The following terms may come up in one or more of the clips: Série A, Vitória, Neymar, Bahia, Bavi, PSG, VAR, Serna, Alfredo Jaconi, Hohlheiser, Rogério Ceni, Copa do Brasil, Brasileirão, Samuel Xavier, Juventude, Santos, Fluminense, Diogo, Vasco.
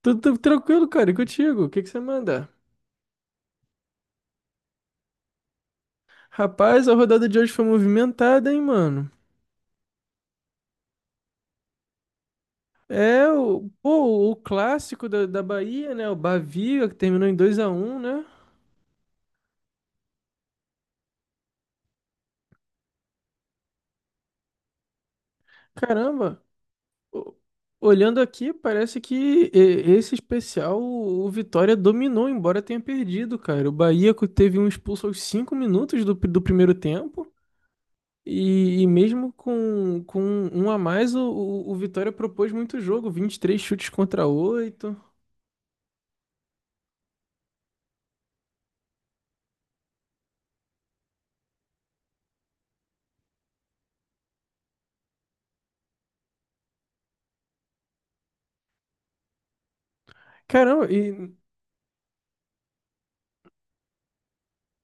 Tudo tranquilo, cara, e contigo? O que que você manda? Rapaz, a rodada de hoje foi movimentada, hein, mano? É, o clássico da Bahia, né? O Bavi, que terminou em 2-1, né? Caramba, o- olhando aqui, parece que esse especial o Vitória dominou, embora tenha perdido, cara. O Bahia teve um expulso aos 5 minutos do primeiro tempo. E mesmo com um a mais, o Vitória propôs muito jogo, 23 chutes contra 8. Caramba, e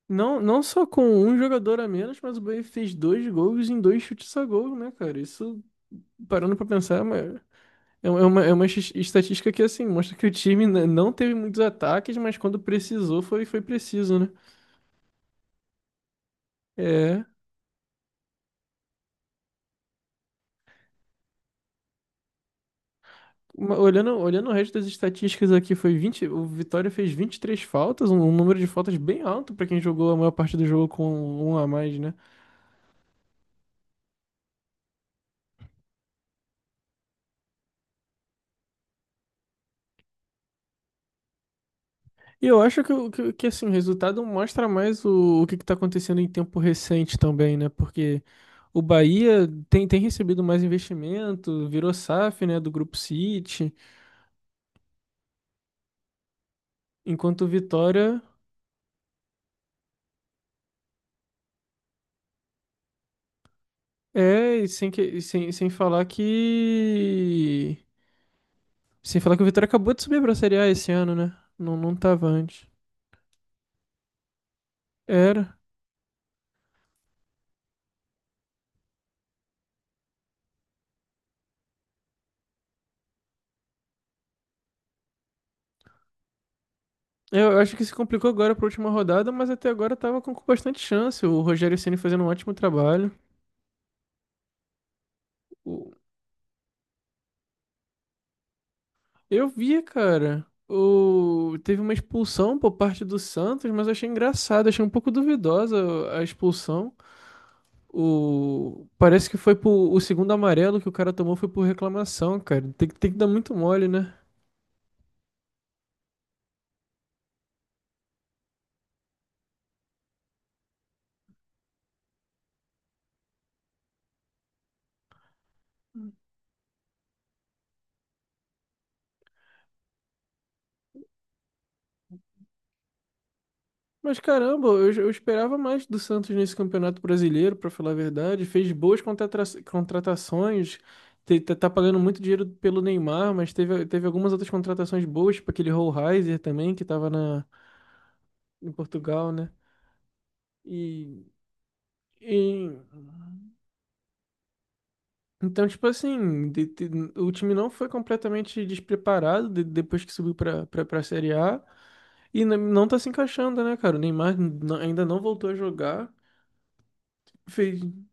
não só com um jogador a menos, mas o Bahia fez dois gols em dois chutes a gol, né, cara? Isso, parando pra pensar, estatística que, assim, mostra que o time não teve muitos ataques, mas quando precisou, foi preciso, né? É, olhando o resto das estatísticas aqui, foi 20 o Vitória fez 23 faltas, um número de faltas bem alto pra quem jogou a maior parte do jogo com um a mais, né? E eu acho que, assim, o resultado mostra mais o que está acontecendo em tempo recente também, né? Porque o Bahia tem recebido mais investimento, virou SAF, né, do Grupo City, enquanto o Vitória é, e sem, que, e sem, sem falar que. Sem falar que o Vitória acabou de subir para a Série A esse ano, né? Não, não tava antes. Era. Eu acho que se complicou agora para última rodada, mas até agora tava com bastante chance. O Rogério Ceni fazendo um ótimo trabalho. O Eu via, cara. Teve uma expulsão por parte do Santos, mas eu achei engraçado, achei um pouco duvidosa a expulsão. Parece que o segundo amarelo que o cara tomou foi por reclamação, cara. Tem que dar muito mole, né? Mas caramba, eu esperava mais do Santos nesse Campeonato Brasileiro, pra falar a verdade. Fez boas contratações, tá pagando muito dinheiro pelo Neymar, mas teve algumas outras contratações boas, tipo aquele Hohlheiser também, que tava em Portugal, né? E E, então, tipo assim, o time não foi completamente despreparado depois que subiu pra Série A e não tá se encaixando, né, cara? O Neymar ainda não voltou a jogar. Fez.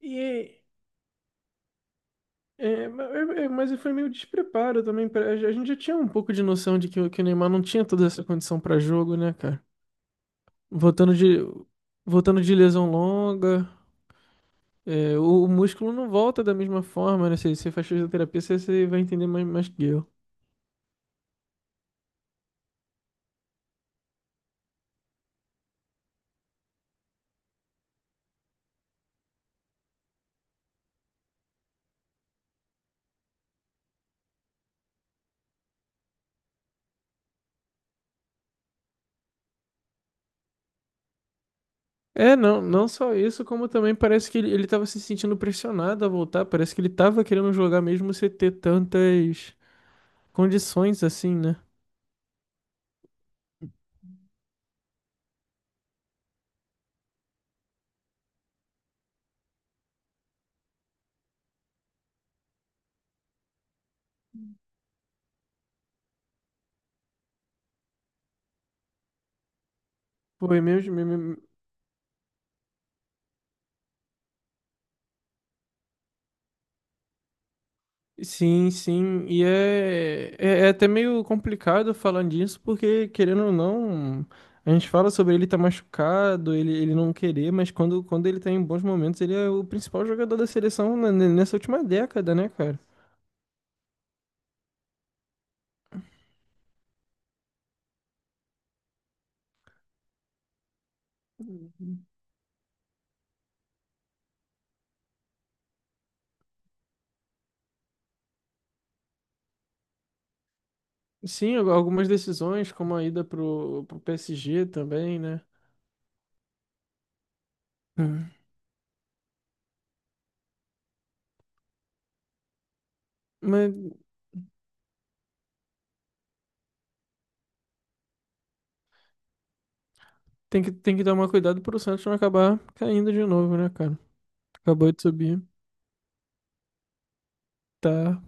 E, mas foi meio despreparo também. A gente já tinha um pouco de noção de que, que o Neymar não tinha toda essa condição pra jogo, né, cara? Voltando de, voltando de lesão longa. O músculo não volta da mesma forma, né? Se você faz fisioterapia, você vai entender mais que eu. É, não só isso, como também parece que ele tava se sentindo pressionado a voltar. Parece que ele tava querendo jogar mesmo sem ter tantas condições assim, né? Foi mesmo. Sim, sim. É até meio complicado falando disso, porque querendo ou não, a gente fala sobre ele estar tá machucado, ele não querer, mas quando ele tá em bons momentos, ele é o principal jogador da seleção nessa última década, né, cara? Sim, algumas decisões, como a ida pro PSG também, né? É, Mas tem que tomar cuidado pro Santos não acabar caindo de novo, né, cara? Acabou de subir. Tá.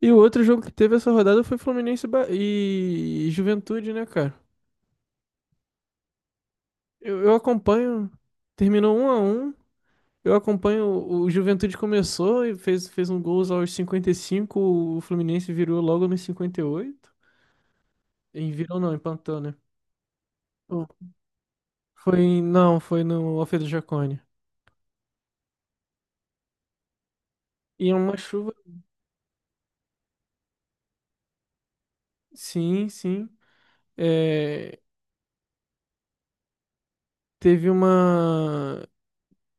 E o outro jogo que teve essa rodada foi Fluminense e e Juventude, né, cara? Eu acompanho. Terminou 1-1. Eu acompanho. O Juventude começou e fez um gol aos 55. O Fluminense virou logo nos 58. E oito. E virou não, empatou, né? Bom, foi. Não, foi no Alfredo Jaconi. E é uma chuva. Sim, sim. é, Teve uma.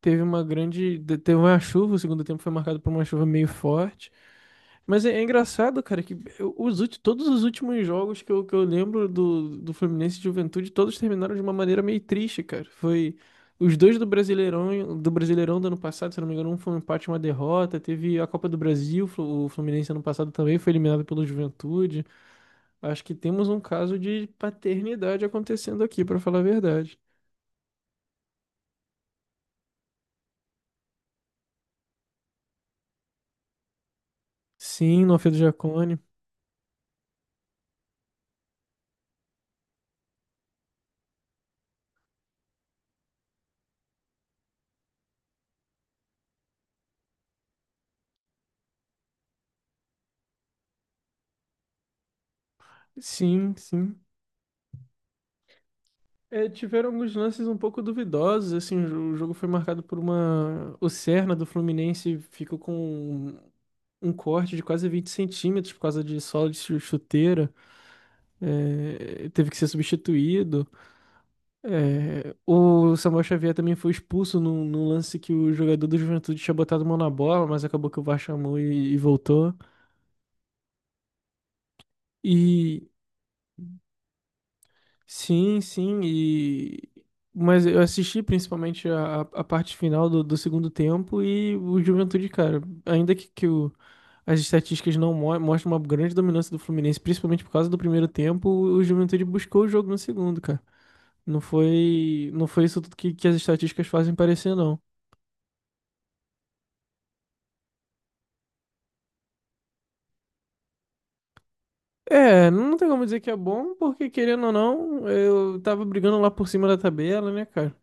Teve uma chuva, o segundo tempo foi marcado por uma chuva meio forte. Mas é engraçado, cara, que eu- os, ulti- todos os últimos jogos que eu lembro do Fluminense e Juventude, todos terminaram de uma maneira meio triste, cara. Foi os dois do Brasileirão, do ano passado, se eu não me engano, um foi um empate e uma derrota. Teve a Copa do Brasil, o Fluminense ano passado também foi eliminado pelo Juventude. Acho que temos um caso de paternidade acontecendo aqui, pra falar a verdade. Sim, no Alfredo Jaconi. Sim, sim. É, tiveram alguns lances um pouco duvidosos, assim, o jogo foi marcado. O Serna do Fluminense ficou com um um corte de quase 20 centímetros por causa de sola de chuteira, teve que ser substituído. É, o Samuel Xavier também foi expulso num lance que o jogador do Juventude tinha botado a mão na bola, mas acabou que o VAR chamou e voltou. E Sim, sim, mas eu assisti principalmente a parte final do segundo tempo e o Juventude, cara, ainda que as estatísticas não mo mostram uma grande dominância do Fluminense, principalmente por causa do primeiro tempo, o Juventude buscou o jogo no segundo, cara. Não foi isso tudo que as estatísticas fazem parecer, não. É, não tem como dizer que é bom, porque querendo ou não, eu tava brigando lá por cima da tabela, né, cara?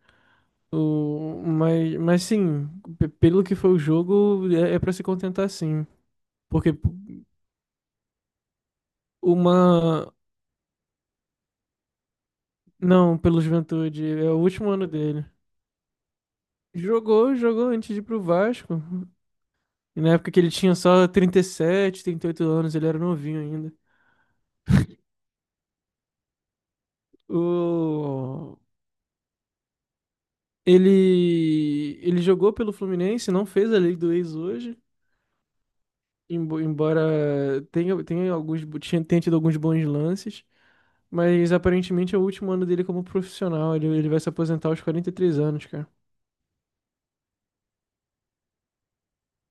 Mas sim, pelo que foi o jogo, é para se contentar sim. Porque uma. Não, pelo Juventude, é o último ano dele. Jogou antes de ir pro Vasco. E na época que ele tinha só trinta e sete trinta e oito anos, ele era novinho ainda. O, ele jogou pelo Fluminense, não fez a lei do ex hoje, embora tenha tido alguns bons lances. Mas aparentemente é o último ano dele como profissional. Ele vai se aposentar aos 43 anos, cara.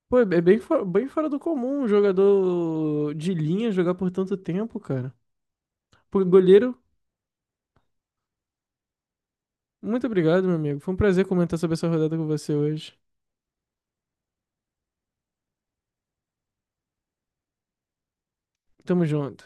Pô, bem fora do comum um jogador de linha jogar por tanto tempo, cara. Porque goleiro, muito obrigado, meu amigo. Foi um prazer comentar sobre essa rodada com você hoje. Tamo junto.